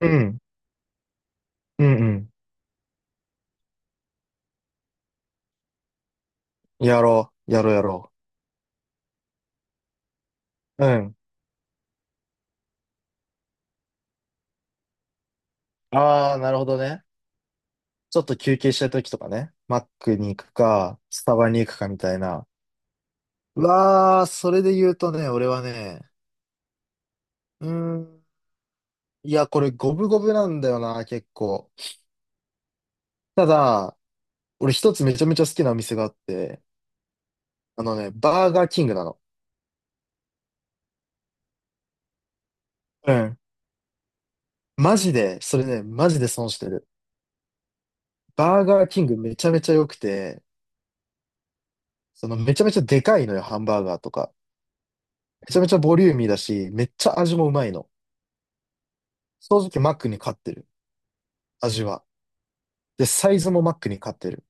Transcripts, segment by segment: うん、うん、うん。やろう、やろう、やろう。うん。ああ、なるほどね。ちょっと休憩したい時とかね。マックに行くか、スタバに行くかみたいな。うわあ、それで言うとね、俺はね、うーん。いや、これ五分五分なんだよな、結構。ただ、俺一つめちゃめちゃ好きなお店があって、あのね、バーガーキングなの。うん。マジで、それね、マジで損してる。バーガーキングめちゃめちゃ良くて、そのめちゃめちゃでかいのよ、ハンバーガーとか。めちゃめちゃボリューミーだし、めっちゃ味もうまいの。正直マックに勝ってる。味は。で、サイズもマックに勝ってる。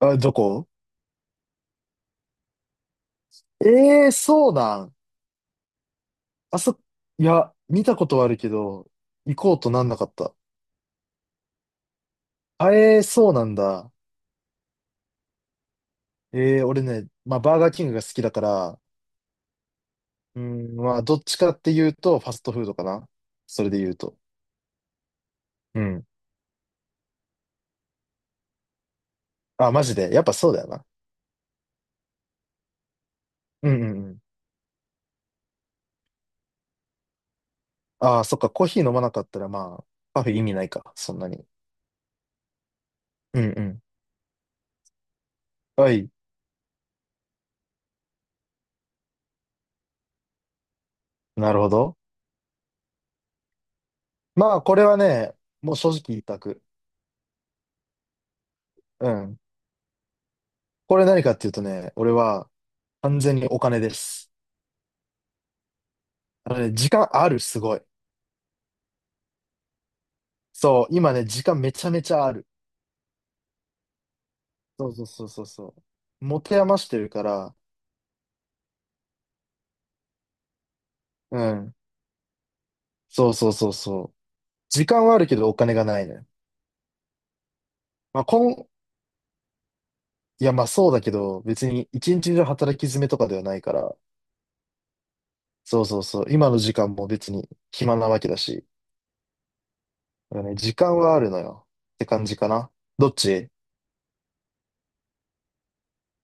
あ、どこ？ええー、そうなん。あそ、いや、見たことはあるけど、行こうとなんなかった。あ、ええー、そうなんだ。ええー、俺ね、まあ、バーガーキングが好きだから、うん、まあ、どっちかっていうと、ファストフードかな。それで言うと。うん。あ、マジで。やっぱそうだよな。うんうんうん。ああ、そっか、コーヒー飲まなかったら、まあ、カフェ意味ないか、そんなに。うんうん。はい。なるほど。まあ、これはね、もう正直一択。うん。これ何かっていうとね、俺は完全にお金です。あのね、時間ある、すごい。そう、今ね、時間めちゃめちゃある。そうそうそうそうそう。持て余してるから、うん。そうそうそうそう。時間はあるけどお金がないね。まあ、いや、まあそうだけど、別に一日中働き詰めとかではないから、そうそうそう。今の時間も別に暇なわけだし、だからね、時間はあるのよ。って感じかな。どっち？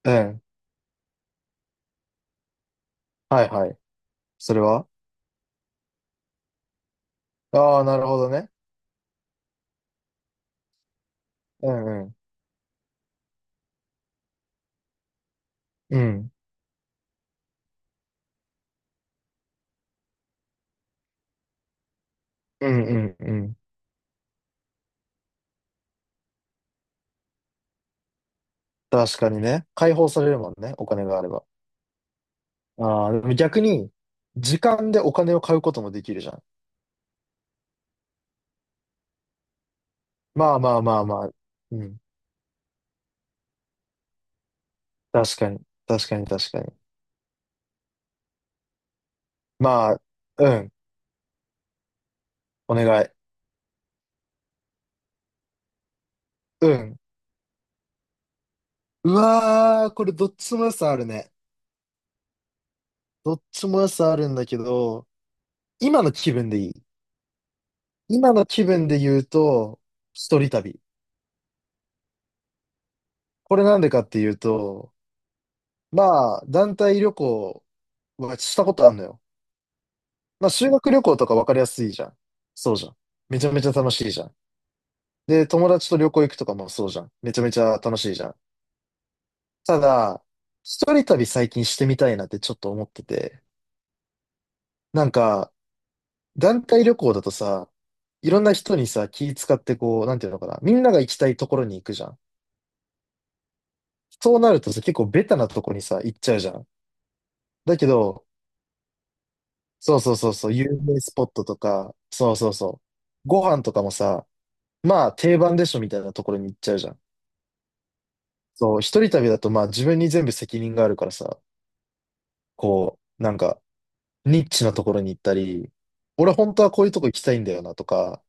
うん。はいはい。それは、ああー、なるほどね。うんうん。うん。うんうんうん。確かにね。解放されるもんね。お金があれば。ああ、でも逆に、時間でお金を買うこともできるじゃん。まあまあまあまあ。うん。確かに。確かに確かに。まあ、うん。お願い。うん。うわー、これどっちも良さあるね。どっちも良さあるんだけど、今の気分でいい。今の気分で言うと、一人旅。これなんでかっていうと、まあ、団体旅行はしたことあるのよ。まあ、修学旅行とか分かりやすいじゃん。そうじゃん。めちゃめちゃ楽しいじゃん。で、友達と旅行行くとかもそうじゃん。めちゃめちゃ楽しいじゃん。ただ、一人旅最近してみたいなってちょっと思ってて。なんか、団体旅行だとさ、いろんな人にさ、気使ってこう、なんていうのかな。みんなが行きたいところに行くじゃん。そうなるとさ、結構ベタなとこにさ、行っちゃうじゃん。だけど、そうそうそうそう、有名スポットとか、そうそうそう。ご飯とかもさ、まあ定番でしょみたいなところに行っちゃうじゃん。そう、一人旅だとまあ自分に全部責任があるからさ、こう、なんか、ニッチなところに行ったり、俺本当はこういうとこ行きたいんだよなとか、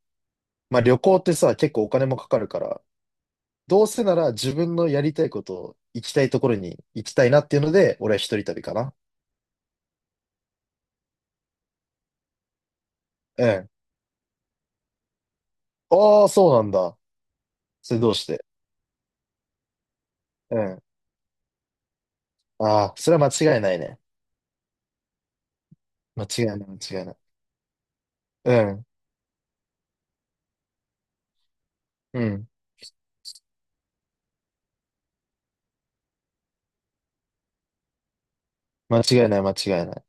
まあ旅行ってさ、結構お金もかかるから、どうせなら自分のやりたいことを行きたいところに行きたいなっていうので、俺は一人旅かな。うん。ああ、そうなんだ。それどうして？うん。ああ、それは間違いないね。間違いない、間違いない。うん。うん。間違いない、間違いない。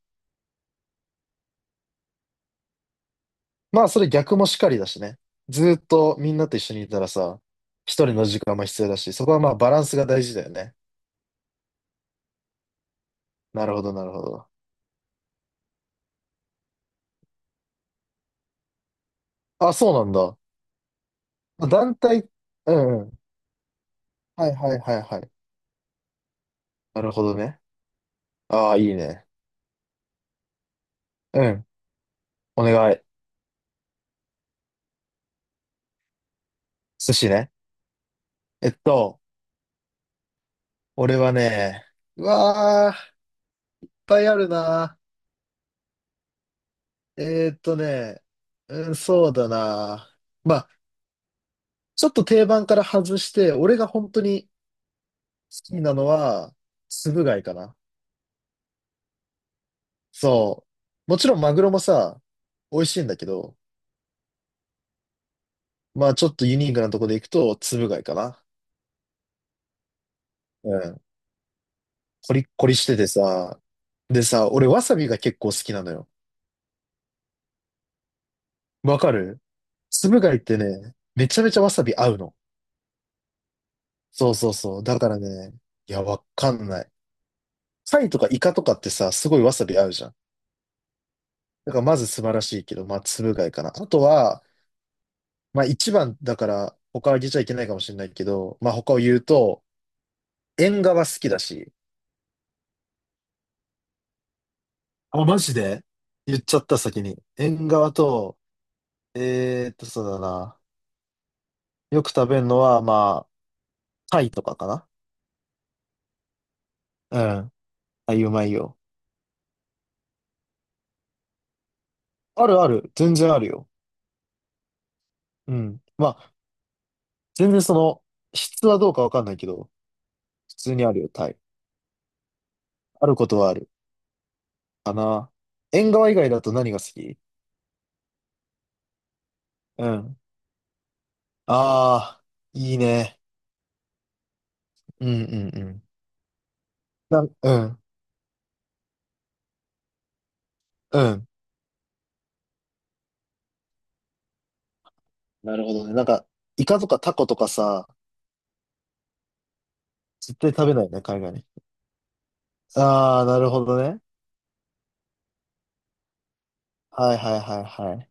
まあ、それ逆もしかりだしね。ずーっとみんなと一緒にいたらさ、一人の時間も必要だし、そこはまあバランスが大事だよね。なるほど、なるほど。あ、そうなんだ。あ団体、うんうん。はいはいはいはい。なるほどね。ああ、いいね。うん。お願い。寿司ね。えっと、俺はね、うわあ、いっぱいあるな。えーっとね、うん、そうだな。まあ、ちょっと定番から外して、俺が本当に好きなのは、つぶ貝かな。そう。もちろんマグロもさ、美味しいんだけど、まあちょっとユニークなとこで行くと、つぶ貝かな。うん。コリッコリしててさ、でさ、俺わさびが結構好きなのよ。わかる？つぶ貝ってね、めちゃめちゃわさび合うの。そうそうそう。だからね、いや、わかんない。貝とかイカとかってさ、すごいわさび合うじゃん。だからまず素晴らしいけど、まあつぶ貝かな。あとは、まあ一番だから、他は言っちゃいけないかもしれないけど、まあ他を言うと、縁側好きだし、あ、マジで？言っちゃった先に。縁側と、そうだな。よく食べるのは、まあ、貝とかかな。うん。あ、いうまいよ。あるある。全然あるよ。うん。まあ、全然その、質はどうかわかんないけど、普通にあるよ、タイ。あることはある。かな。縁側以外だと何が好き？うん。ああ、いいね。うんうんうん。うん、うん。なるほどね。なんか、イカとかタコとかさ、絶対食べないね、海外の。ああ、なるほどね。はいはいはいはい。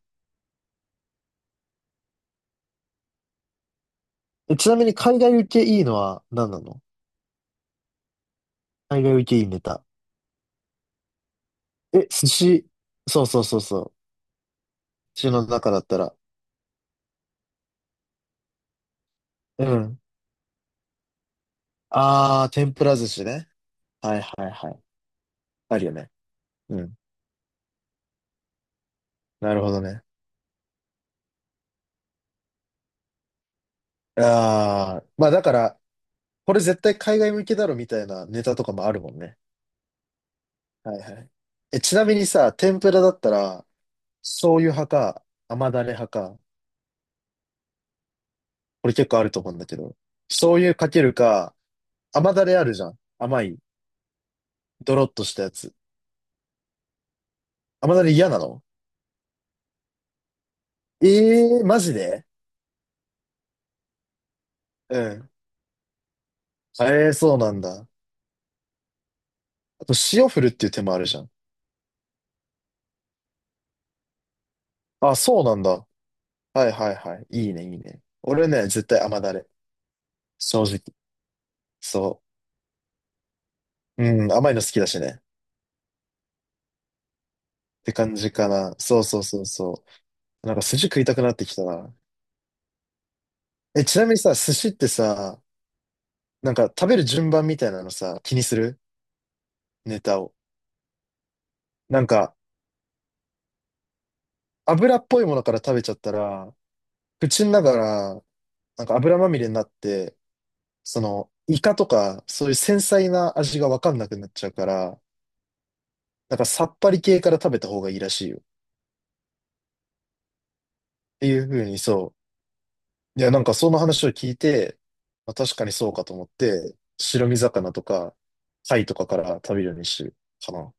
え、ちなみに海外受けいいのは何なの？海外受けいいネタ。え、寿司。そうそうそうそう。寿司の中だったら。うん。ああ、天ぷら寿司ね。はいはいはい。あるよね。うん。なるほどね。ああ、まあだから、これ絶対海外向けだろみたいなネタとかもあるもんね。はいはい。え、ちなみにさ、天ぷらだったら、醤油派か、甘だれ派か、これ結構あると思うんだけど、醤油かけるか、甘だれあるじゃん。甘い、ドロッとしたやつ。甘だれ嫌なの？ええー、マジで？うん。ええー、そうなんだ。あと、塩振るっていう手もあるじゃん。あ、そうなんだ。はいはいはい。いいね、いいね。俺ね、絶対甘だれ。正直。そう。うん、甘いの好きだしね。って感じかな。そうそうそうそう。なんか寿司食いたくなってきたな。え、ちなみにさ、寿司ってさ、なんか食べる順番みたいなのさ、気にする？ネタを。なんか、油っぽいものから食べちゃったら、口の中らなんか油まみれになって、その、イカとか、そういう繊細な味がわかんなくなっちゃうから、なんかさっぱり系から食べた方がいいらしいよ。っていうふうに、そう。いや、なんかその話を聞いて、まあ、確かにそうかと思って、白身魚とか、貝とかから食べるようにしてるかな。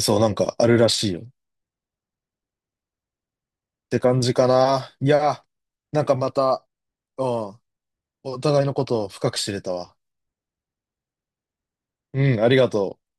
そう、なんかあるらしいよ。って感じかな。いや、なんかまた、うん、お互いのことを深く知れたわ。うん、ありがとう。